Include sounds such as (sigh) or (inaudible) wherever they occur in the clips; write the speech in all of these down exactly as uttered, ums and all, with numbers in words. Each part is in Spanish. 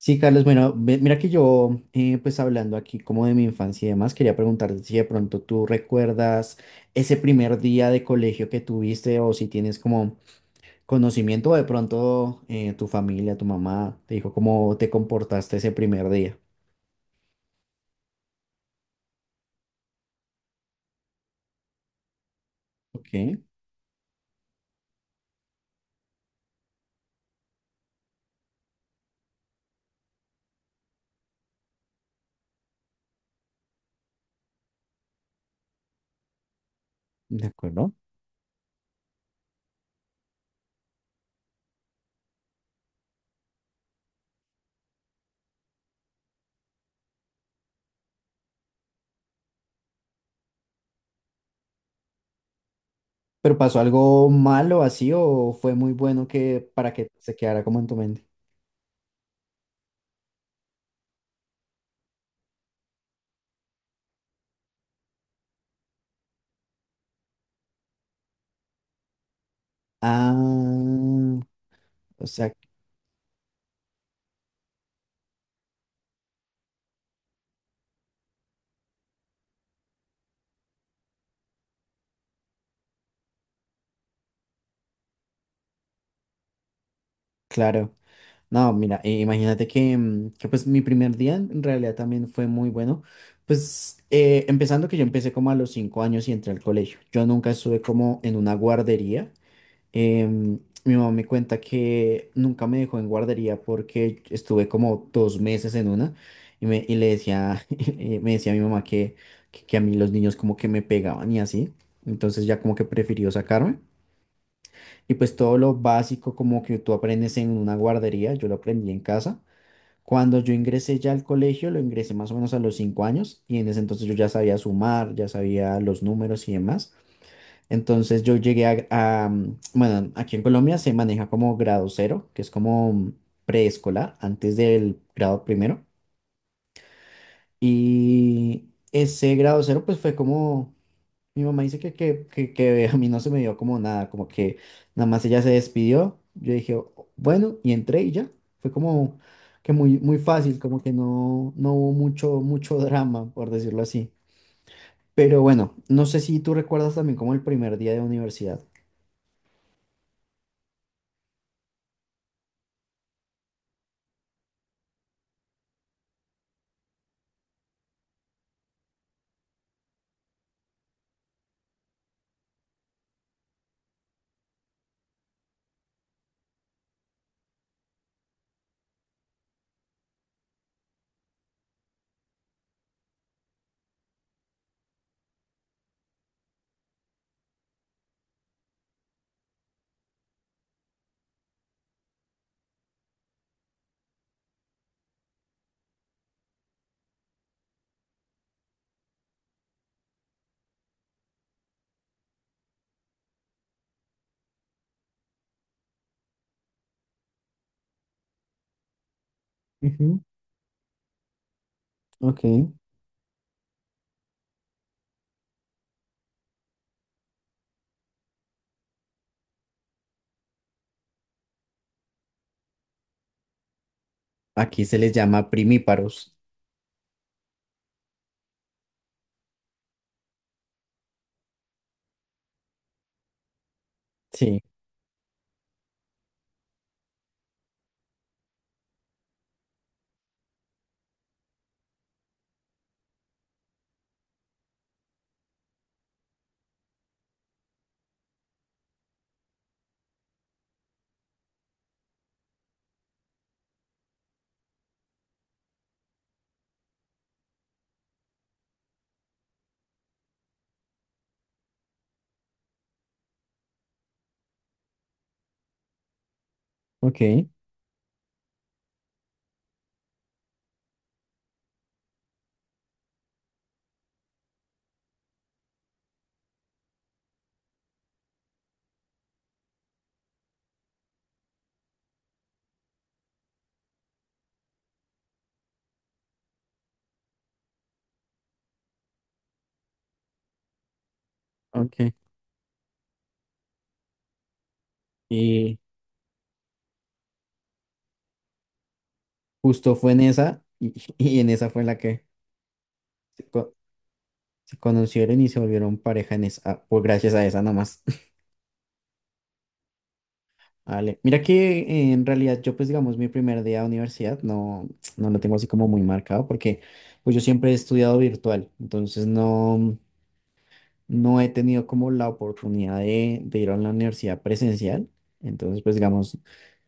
Sí, Carlos, bueno, ve- mira que yo, eh, pues hablando aquí como de mi infancia y demás, quería preguntarte si de pronto tú recuerdas ese primer día de colegio que tuviste o si tienes como conocimiento o de pronto eh, tu familia, tu mamá te dijo cómo te comportaste ese primer día. Ok, de acuerdo. ¿Pero pasó algo malo así o fue muy bueno que para que se quedara como en tu mente? Ah, o sea. Claro. No, mira, eh, imagínate que, mm, que, pues mi primer día en en realidad también fue muy bueno. Pues eh, empezando que yo empecé como a los cinco años y entré al colegio. Yo nunca estuve como en una guardería. Em, Mi mamá me cuenta que nunca me dejó en guardería porque estuve como dos meses en una y, me, y le decía, (laughs) eh, me decía a mi mamá que, que, que a mí los niños como que me pegaban y así. Entonces ya como que prefirió sacarme. Y pues todo lo básico como que tú aprendes en una guardería, yo lo aprendí en casa. Cuando yo ingresé ya al colegio, lo ingresé más o menos a los cinco años y en ese entonces yo ya sabía sumar, ya sabía los números y demás. Entonces yo llegué a, a, mm, bueno, aquí en Colombia se maneja como grado cero, que es como mm, preescolar, antes del grado primero. Y ese grado cero pues fue como mi mamá dice que, que, que, que a mí no se me dio como nada, como que nada más ella se despidió. Yo dije, "O- bueno", y entré y ya. Fue como que muy, muy fácil, como que no, no hubo mucho, mucho drama, por decirlo así. Pero bueno, no sé si tú recuerdas también como el primer día de universidad. Ujú. Ok. Aquí se les llama primíparos. Sí, ok, ok. Y justo fue en esa, y, (laughs) y en esa fue en la que se, co- se conocieron y se volvieron pareja en esa, ah, pues gracias a esa nada más. Vale. Mira que eh, en realidad yo pues digamos mi primer día de universidad no, no lo tengo así como muy marcado porque pues yo siempre he estudiado virtual, entonces no, no he tenido como la oportunidad de, de ir a la universidad presencial. Entonces, pues digamos,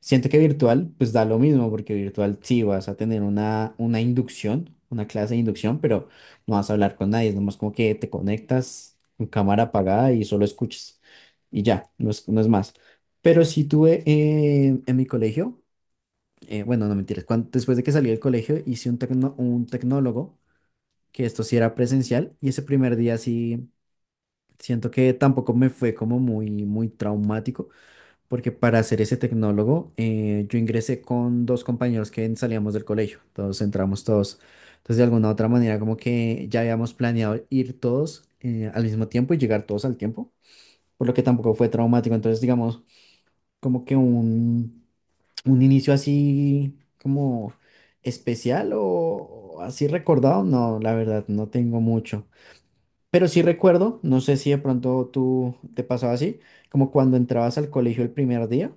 siento que virtual, pues da lo mismo, porque virtual sí vas a tener una, una inducción, una clase de inducción, pero no vas a hablar con nadie, es nomás como que te conectas con cámara apagada y solo escuchas. Y ya, no es, no es más. Pero sí tuve eh, en mi colegio, eh, bueno, no mentiras, cuan- después de que salí del colegio hice un, tecno- un tecnólogo, que esto sí era presencial, y ese primer día sí. Siento que tampoco me fue como muy, muy traumático, porque para ser ese tecnólogo, eh, yo ingresé con dos compañeros que salíamos del colegio, todos entramos todos. Entonces, de alguna u otra manera, como que ya habíamos planeado ir todos eh, al mismo tiempo y llegar todos al tiempo, por lo que tampoco fue traumático. Entonces, digamos, como que un, un inicio así como especial o o así recordado, no, la verdad, no tengo mucho. Pero sí recuerdo, no sé si de pronto tú te pasaba así, como cuando entrabas al colegio el primer día,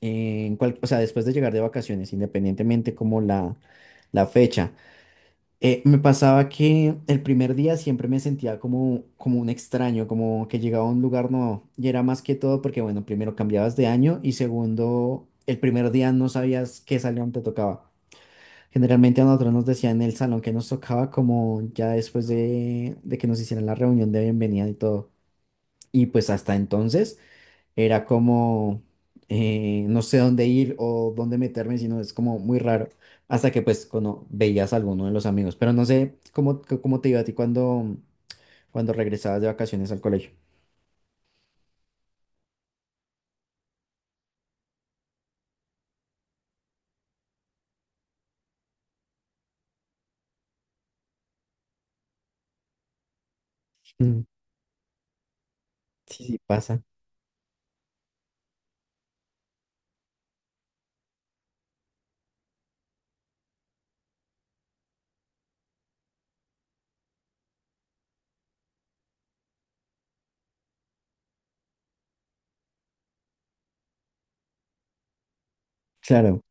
eh, en cual- o sea, después de llegar de vacaciones, independientemente como la, la fecha, eh, me pasaba que el primer día siempre me sentía como, como un extraño, como que llegaba a un lugar nuevo. Y era más que todo porque, bueno, primero cambiabas de año y segundo, el primer día no sabías qué salón te tocaba. Generalmente a nosotros nos decían en el salón que nos tocaba como ya después de, de que nos hicieran la reunión de bienvenida y todo. Y pues hasta entonces era como eh, no sé dónde ir o dónde meterme, sino es como muy raro. Hasta que pues cuando veías a alguno de los amigos. Pero no sé cómo, c- cómo te iba a ti cuando, cuando regresabas de vacaciones al colegio. Mm. Sí, sí, pasa. Claro.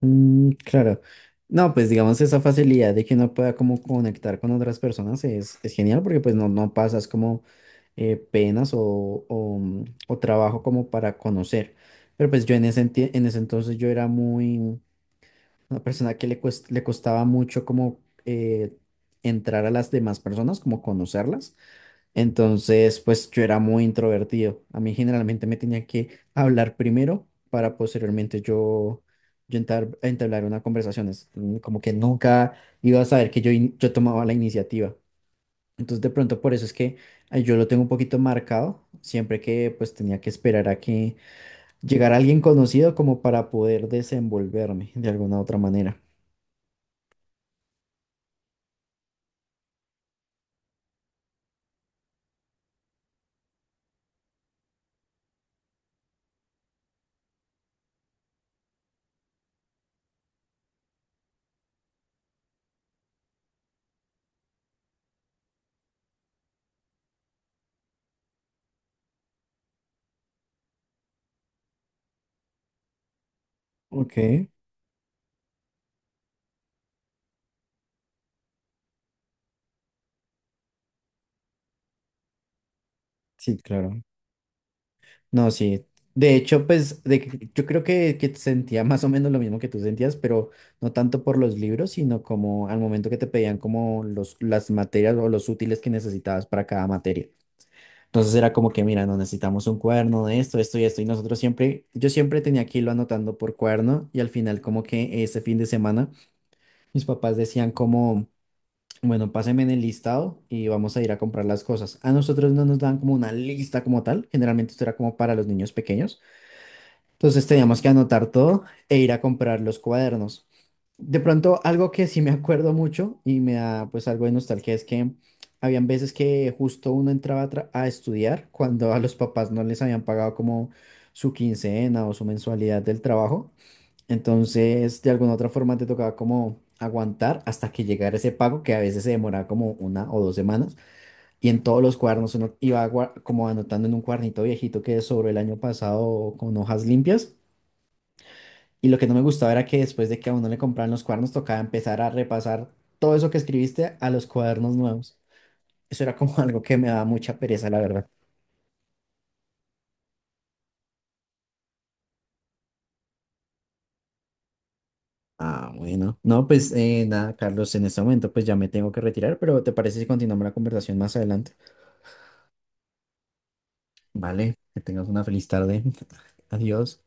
Mm, claro. No, pues digamos esa facilidad de que uno pueda como conectar con otras personas es, es genial porque pues no, no pasas como eh, penas o, o, mm, o trabajo como para conocer. Pero pues yo en ese, enti- en ese entonces yo era muy una persona que le, cuest- le costaba mucho como eh, entrar a las demás personas, como conocerlas. Entonces, pues yo era muy introvertido. A mí generalmente me tenía que hablar primero para posteriormente yo, yo entablar, entablar una conversación. Es mm, como que nunca iba a saber que yo, in- yo tomaba la iniciativa. Entonces, de pronto por eso es que eh, yo lo tengo un poquito marcado, siempre que pues tenía que esperar a que llegara alguien conocido como para poder desenvolverme de alguna otra manera. Ok, sí, claro. No, sí. De hecho, pues de que- yo creo que, que sentía más o menos lo mismo que tú sentías, pero no tanto por los libros, sino como al momento que te pedían como los, las materias o los útiles que necesitabas para cada materia. Entonces era como que, mira, no necesitamos un cuaderno de esto, esto y esto. Y nosotros siempre, yo siempre tenía que irlo anotando por cuaderno y al final como que ese fin de semana mis papás decían como, bueno, pásenme en el listado y vamos a ir a comprar las cosas. A nosotros no nos dan como una lista como tal, generalmente esto era como para los niños pequeños, entonces teníamos que anotar todo e ir a comprar los cuadernos. De pronto, algo que sí me acuerdo mucho y me da pues algo de nostalgia es que habían veces que justo uno entraba a, tra- a estudiar cuando a los papás no les habían pagado como su quincena o su mensualidad del trabajo. Entonces, de alguna otra forma te tocaba como aguantar hasta que llegara ese pago que a veces se demoraba como una o dos semanas. Y en todos los cuadernos uno iba gua- como anotando en un cuadernito viejito que sobró el año pasado con hojas limpias, y lo que no me gustaba era que después de que a uno le compraban los cuadernos, tocaba empezar a repasar todo eso que escribiste a los cuadernos nuevos. Eso era como (laughs) algo que me daba mucha pereza, la verdad. Ah, bueno. No, pues eh, nada, Carlos, en este momento pues ya me tengo que retirar, pero ¿te parece si continuamos la conversación más adelante? Vale, que tengas una feliz tarde. (laughs) Adiós.